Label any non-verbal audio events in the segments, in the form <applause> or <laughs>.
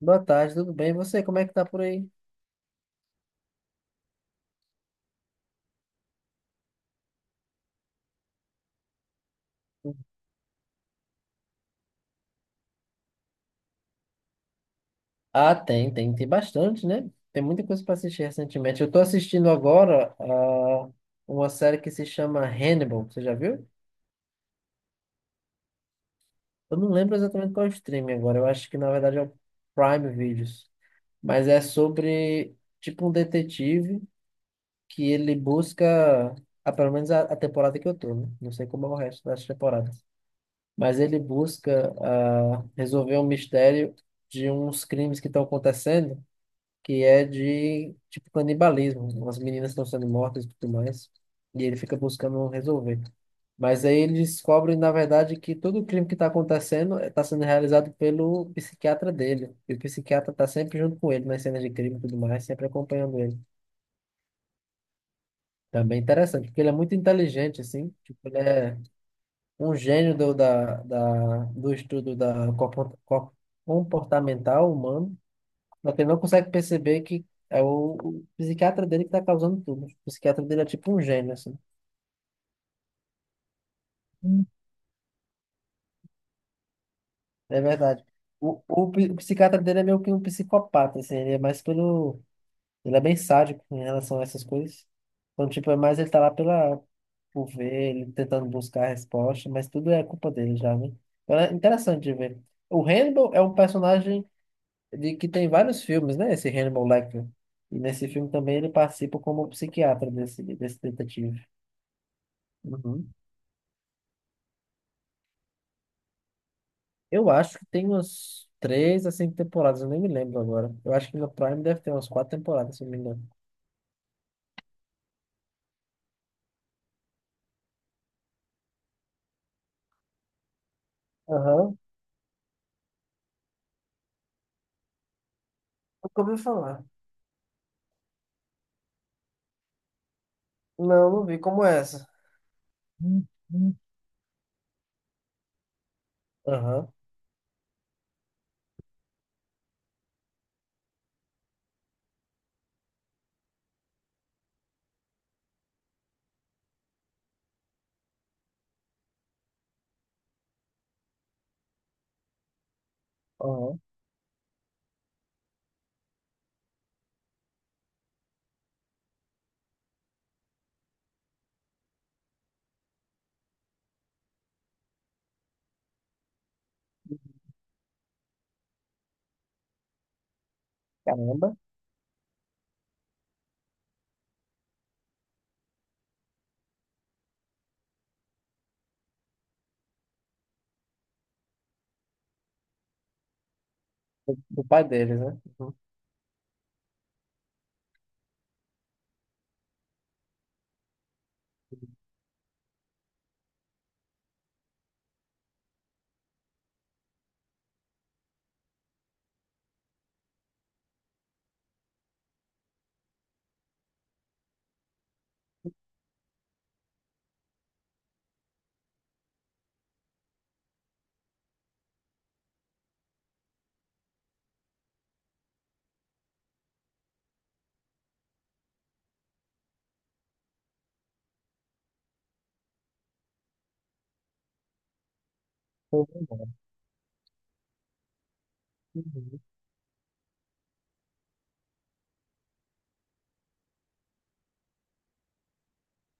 Boa tarde, tudo bem? E você, como é que tá por aí? Ah, tem bastante, né? Tem muita coisa para assistir recentemente. Eu tô assistindo agora uma série que se chama Hannibal, você já viu? Eu não lembro exatamente qual é o streaming agora, eu acho que na verdade é o Prime Videos. Mas é sobre, tipo, um detetive que ele busca, pelo menos a temporada que eu tô, né? Não sei como é o resto das temporadas. Mas ele busca resolver um mistério de uns crimes que estão acontecendo, que é de tipo canibalismo, né? As meninas estão sendo mortas e tudo mais. E ele fica buscando resolver. Mas aí ele descobre, na verdade, que todo o crime que está acontecendo está sendo realizado pelo psiquiatra dele. E o psiquiatra está sempre junto com ele nas cenas de crime e tudo mais, sempre acompanhando ele. Também é interessante, porque ele é muito inteligente, assim. Tipo, ele é um gênio do estudo da comportamental humano. Só que ele não consegue perceber que é o psiquiatra dele que está causando tudo. O psiquiatra dele é tipo um gênio, assim. Hum. É verdade. O o psiquiatra dele é meio que um psicopata, assim. Ele é mais pelo... Ele é bem sádico em relação a essas coisas. Então, tipo, é mais ele tá lá pela, por ver, ele tentando buscar a resposta, mas tudo é culpa dele já, né? Então é interessante de ver. O Hannibal é um personagem de que tem vários filmes, né? Esse Hannibal Lecter. E nesse filme também ele participa como psiquiatra desse detetive. Uhum. Eu acho que tem umas três a cinco temporadas, eu nem me lembro agora. Eu acho que no Prime deve ter umas quatro temporadas, se não me engano. Aham. Nunca ouvi falar. Não, não vi como é essa. Uhum. Aham, aham. Caramba, do, do pai deles, né? Uhum. Tô lembrando. Uhum,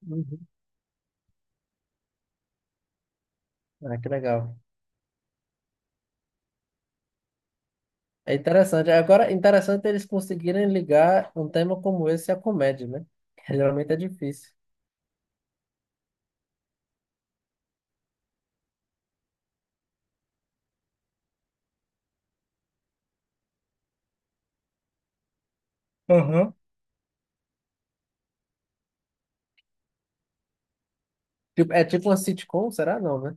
uhum. Ah, que legal. É interessante. Agora, interessante eles conseguirem ligar um tema como esse à comédia, né? <laughs> Geralmente é difícil. Aham. Tipo, é tipo uma sitcom, será? Não, né?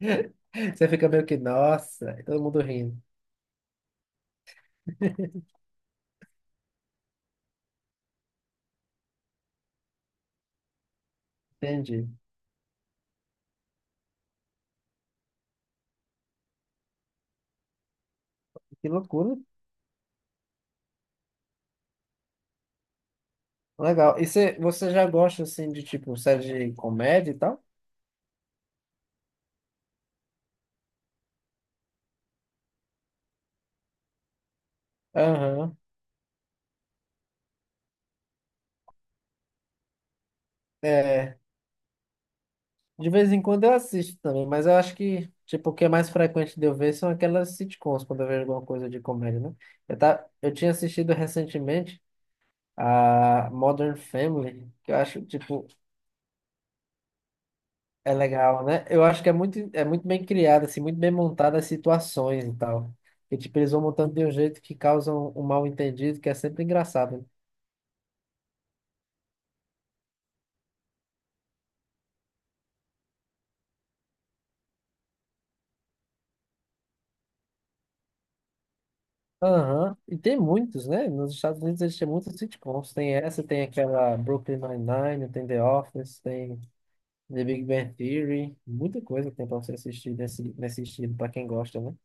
<laughs> Você fica meio que, nossa, e todo mundo rindo. Entendi. Que loucura. Legal. E você, você já gosta, assim, de, tipo, série de comédia e tal? Aham. É. De vez em quando eu assisto também, mas eu acho que, tipo, o que é mais frequente de eu ver são aquelas sitcoms, quando eu vejo alguma coisa de comédia, né? Eu, tá, eu tinha assistido recentemente a Modern Family, que eu acho, tipo, é legal, né? Eu acho que é muito bem criada, assim, muito bem montada as situações e tal. E tipo, eles vão montando de um jeito que causam um mal-entendido, que é sempre engraçado, né? Aham. E tem muitos, né? Nos Estados Unidos existem muitos sitcoms. Tem essa, tem aquela Brooklyn Nine-Nine, tem The Office, tem The Big Bang Theory. Muita coisa tem pra você assistir nesse estilo, pra quem gosta, né?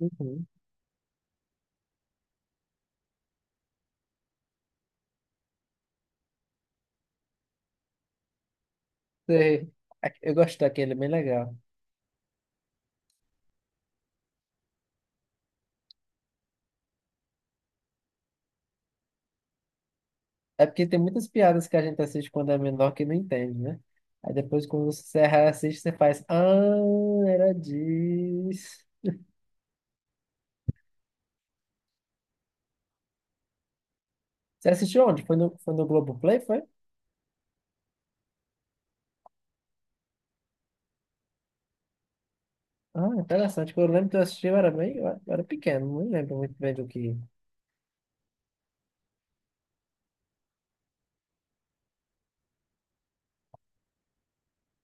Uhum. Sei. A- Eu gosto daquele, é bem legal. É porque tem muitas piadas que a gente assiste quando é menor que não entende, né? Aí depois, quando você se assiste, você faz. Ah, era disso. Você assistiu onde? Foi no Globoplay, foi? Ah, interessante. Eu lembro que eu assisti, eu era bem, eu era pequeno, não lembro muito bem do que.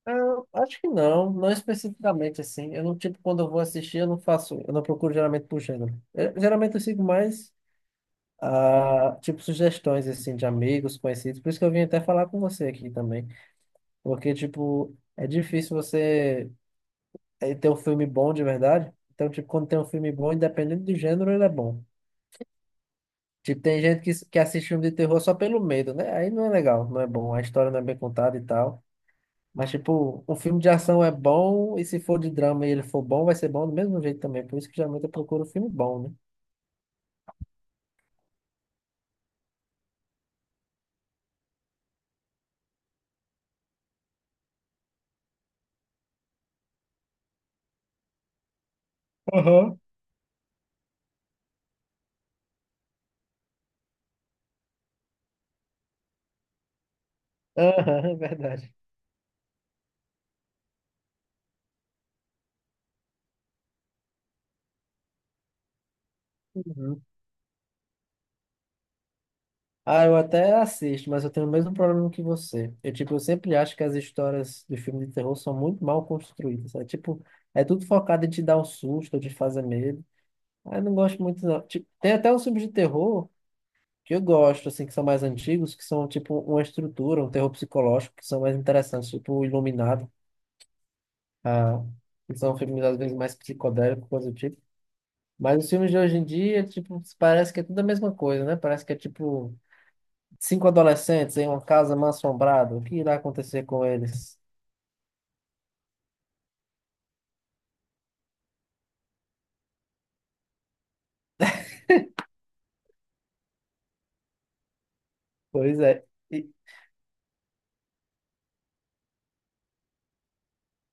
Ah, acho que não, não especificamente assim. Eu não, tipo, quando eu vou assistir, eu não faço, eu não procuro geralmente por gênero. Eu- geralmente eu sigo mais. Ah, tipo, sugestões, assim, de amigos, conhecidos. Por isso que eu vim até falar com você aqui também. Porque, tipo, é difícil você ter um filme bom de verdade. Então, tipo, quando tem um filme bom, independente do gênero, ele é bom. Tipo, tem gente que assiste filme de terror só pelo medo, né? Aí não é legal, não é bom. A história não é bem contada e tal. Mas, tipo, um filme de ação é bom, e se for de drama e ele for bom, vai ser bom do mesmo jeito também. Por isso que geralmente eu procuro filme bom, né? Aham. Aham, <laughs> é verdade. Ah, eu até assisto, mas eu tenho o mesmo problema que você. Eu, tipo, eu sempre acho que as histórias do filme de terror são muito mal construídas. É tipo, é tudo focado em te dar um susto, ou te fazer medo. Ah, eu não gosto muito, não. Tipo, tem até uns filmes de terror que eu gosto, assim, que são mais antigos, que são, tipo, uma estrutura, um terror psicológico, que são mais interessantes, tipo, o Iluminado. Ah, que são filmes, às vezes, mais psicodélicos, coisa do tipo. Mas os filmes de hoje em dia, tipo, parece que é tudo a mesma coisa, né? Parece que é, tipo... Cinco adolescentes em uma casa mal-assombrada. O que irá acontecer com eles? Pois é, e-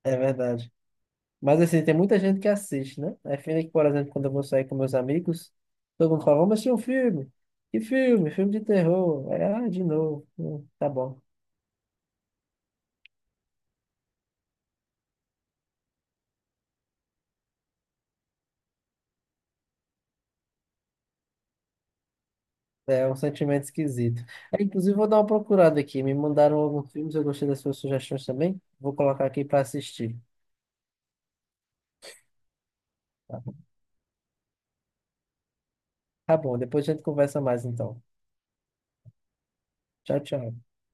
é verdade. Mas assim, tem muita gente que assiste, né? É filme que, por exemplo, quando eu vou sair com meus amigos, todo mundo fala, vamos assistir um filme. Que filme? Filme de terror. Aí, ah, de novo. Tá bom. É um sentimento esquisito. É, inclusive, vou dar uma procurada aqui. Me mandaram alguns filmes, eu gostei das suas sugestões também. Vou colocar aqui para assistir. Tá bom, depois a gente conversa mais então. Tchau, tchau.